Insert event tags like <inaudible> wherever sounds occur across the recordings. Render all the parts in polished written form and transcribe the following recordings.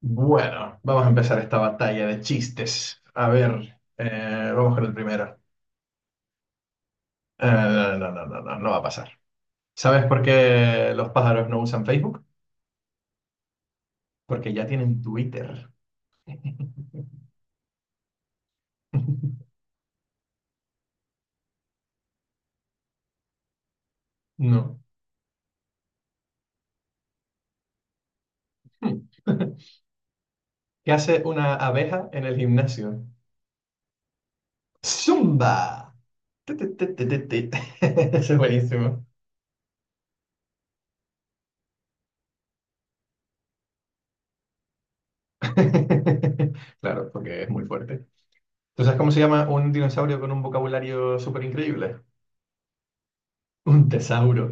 Bueno, vamos a empezar esta batalla de chistes. A ver, vamos con el primero. No, no, no, no, no, no no va a pasar. ¿Sabes por qué los pájaros no usan Facebook? Porque ya tienen Twitter. <laughs> No. Hmm. ¿Qué hace una abeja en el gimnasio? ¡Zumba! Tu, tu, tu, tu, tu, tu. <laughs> Eso es buenísimo. <laughs> Claro, porque es muy fuerte. ¿Tú sabes cómo se llama un dinosaurio con un vocabulario súper increíble? Un tesauro.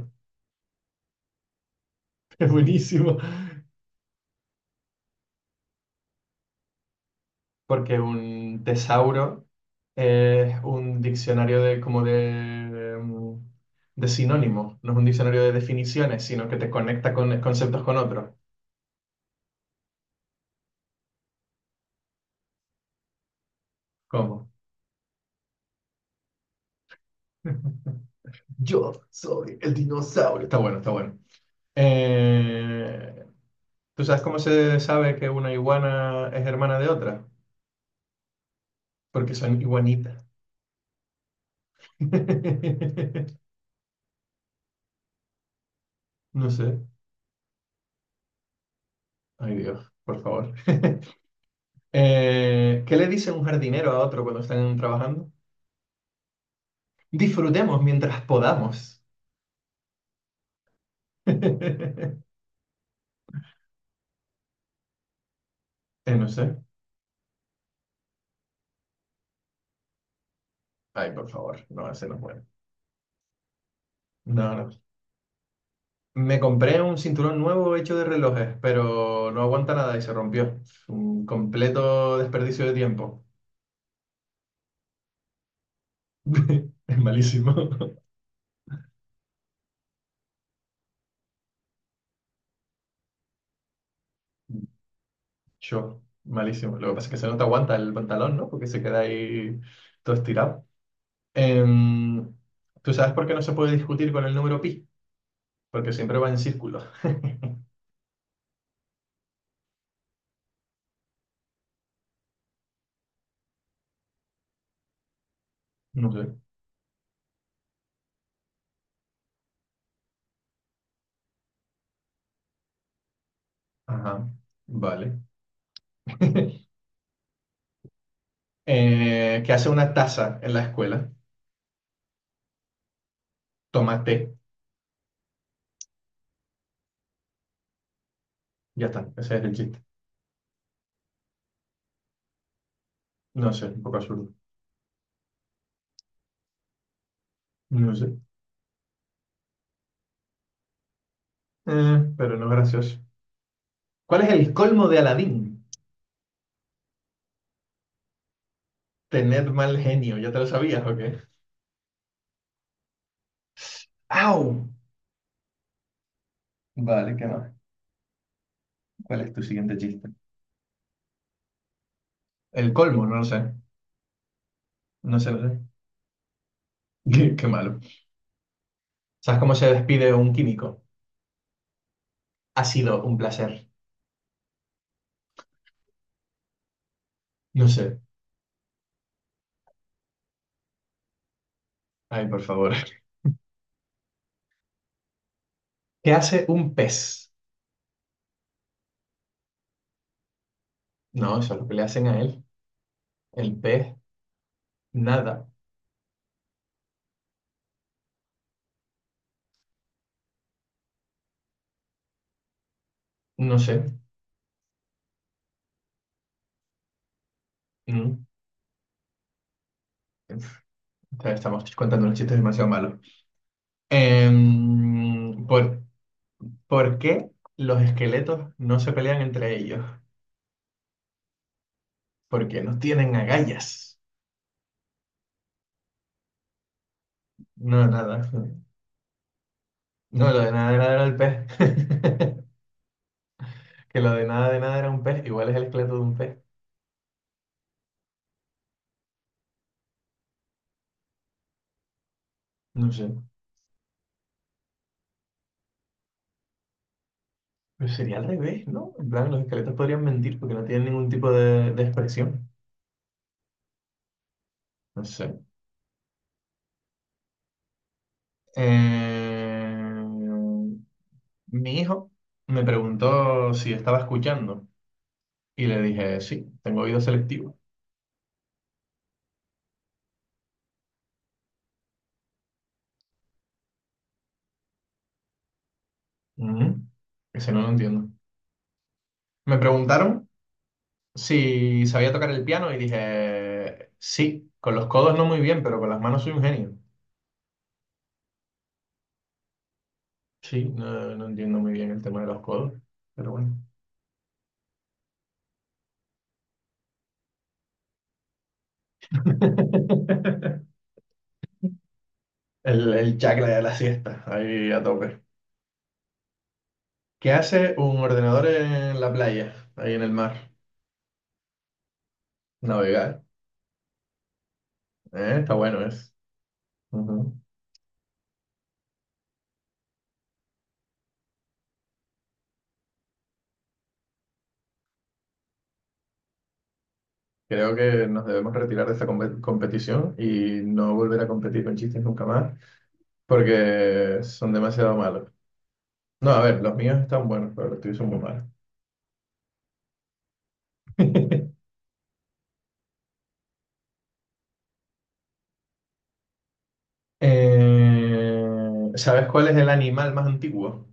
<laughs> Es buenísimo, porque un tesauro es un diccionario de, de sinónimos, no es un diccionario de definiciones, sino que te conecta con conceptos con otros. ¿Cómo? <laughs> Yo soy el dinosaurio. Está bueno, está bueno. Eh, ¿Tú sabes cómo se sabe que una iguana es hermana de otra? Porque son iguanitas. <laughs> No sé. Ay, Dios, por favor. ¿Qué le dice un jardinero a otro cuando están trabajando? Disfrutemos mientras podamos. <laughs> No sé. Ay, por favor, no, ese no puede. No, no. Me compré un cinturón nuevo hecho de relojes, pero no aguanta nada y se rompió. Un completo desperdicio de tiempo. <laughs> Es malísimo. Yo, malísimo. Lo que pasa es que se no te aguanta el pantalón, ¿no? Porque se queda ahí todo estirado. Em, ¿Tú sabes por qué no se puede discutir con el número pi? Porque siempre va en círculo. <laughs> No sé. Ajá. Vale. <laughs> ¿Qué hace una taza en la escuela? Toma té. Ya está. Ese es el chiste. No sé, un poco absurdo. No sé. Pero no es gracioso. ¿Cuál es el colmo de Aladín? Tener mal genio. ¿Ya te lo sabías o qué? ¡Au! Vale, ¿qué más? ¿Cuál es tu siguiente chiste? El colmo, no lo sé. No sé, no sé. <laughs> Qué, qué malo. ¿Sabes cómo se despide un químico? Ha sido un placer. No sé. Ay, por favor. <laughs> ¿Qué hace un pez? No, eso es lo que le hacen a él. El pez, nada. No sé. Mm. Uf, Estamos contando unos chistes demasiado malos. Em, ¿Por qué los esqueletos no se pelean entre ellos? Porque no tienen agallas. No, nada. No, lo de nada era el pez. <laughs> Que lo de nada era un pez, igual es el esqueleto de un pez. No sé. Pero sería al revés, ¿no? En plan, los esqueletos podrían mentir porque no tienen ningún tipo de expresión. No sé. Eh, mi hijo me preguntó si estaba escuchando y le dije, sí, tengo oído selectivo. "Ujú, Ese no lo entiendo. Me preguntaron si sabía tocar el piano y dije, sí, con los codos no muy bien, pero con las manos soy un genio. Sí, no, no entiendo muy bien el tema de los codos, pero bueno. <laughs> El chakra de la siesta, ahí a tope. ¿Qué hace un ordenador en la playa, ahí en el mar? Navegar. Está bueno, es. Ujú. Creo que nos debemos retirar de esta compe- competición y no volver a competir con chistes nunca más, porque son demasiado malos. No, a ver, los míos están buenos, pero los tuyos son muy malos. <laughs> ¿Sabes cuál es el animal más antiguo?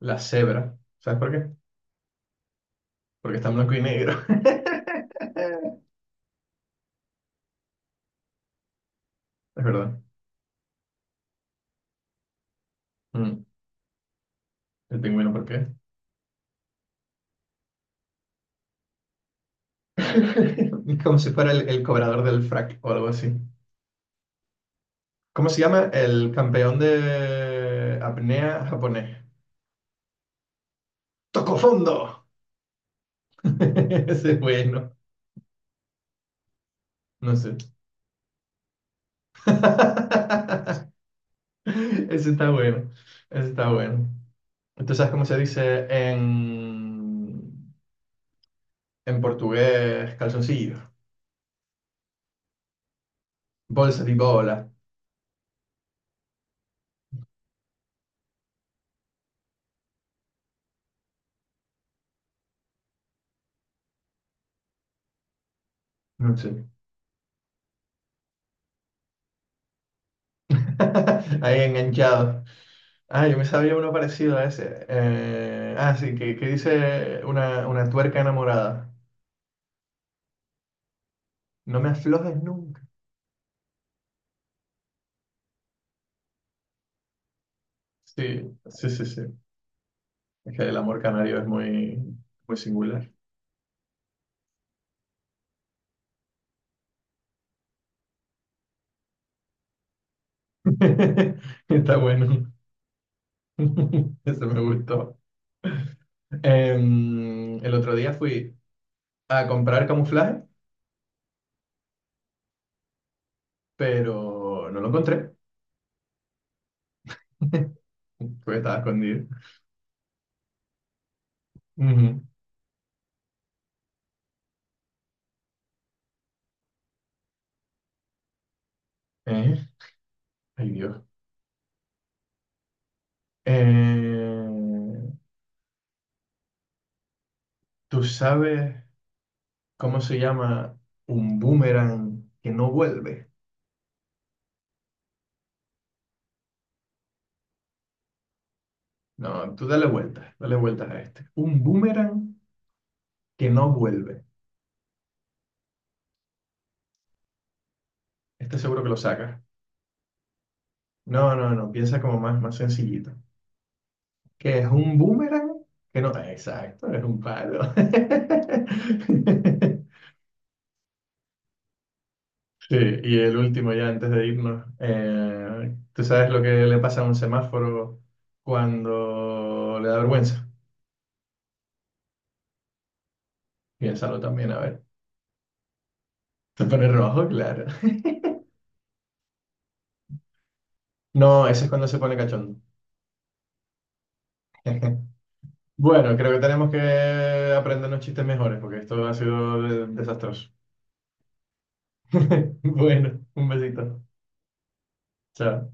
La cebra. ¿Sabes por qué? Porque está en blanco y negro. <laughs> Es verdad. Mm. ¿El pingüino por qué? <laughs> Como si fuera el cobrador del frac o algo así. ¿Cómo se llama? El campeón de apnea japonés. ¡Tocó fondo! <laughs> Ese es bueno. No sé. <laughs> Ese está bueno. Ese está bueno. ¿Entonces sabes cómo se dice en portugués calzoncillo? Bolsa de bola. No sé. <laughs> Ahí enganchado. Ah, yo me sabía uno parecido a ese. Ah, sí, que dice una tuerca enamorada. No me aflojes nunca. Sí, sí, sí, sí. Es que el amor canario es muy, muy singular. <laughs> Está bueno. <laughs> Eso me gustó. Em, el otro día fui a comprar camuflaje, pero no lo encontré, <laughs> porque estaba escondido. Ujú. Eh, Ay, Dios. Eh, ¿Tú sabes cómo se llama un boomerang que no vuelve? No, tú dale vueltas a este. Un boomerang que no vuelve. Este seguro que lo sacas. No, no, no, piensa como más, más sencillito. ¿Qué es un boomerang? Que no, exacto, es un palo. <laughs> Sí, y el último ya antes de irnos. ¿Tú sabes lo que le pasa a un semáforo cuando le da vergüenza? Piénsalo también, a ver. Se pone rojo, claro. <laughs> No, ese es cuando se pone cachondo. <laughs> Bueno, creo que tenemos que aprender unos chistes mejores porque esto ha sido desastroso. <laughs> Bueno, un besito. Chao.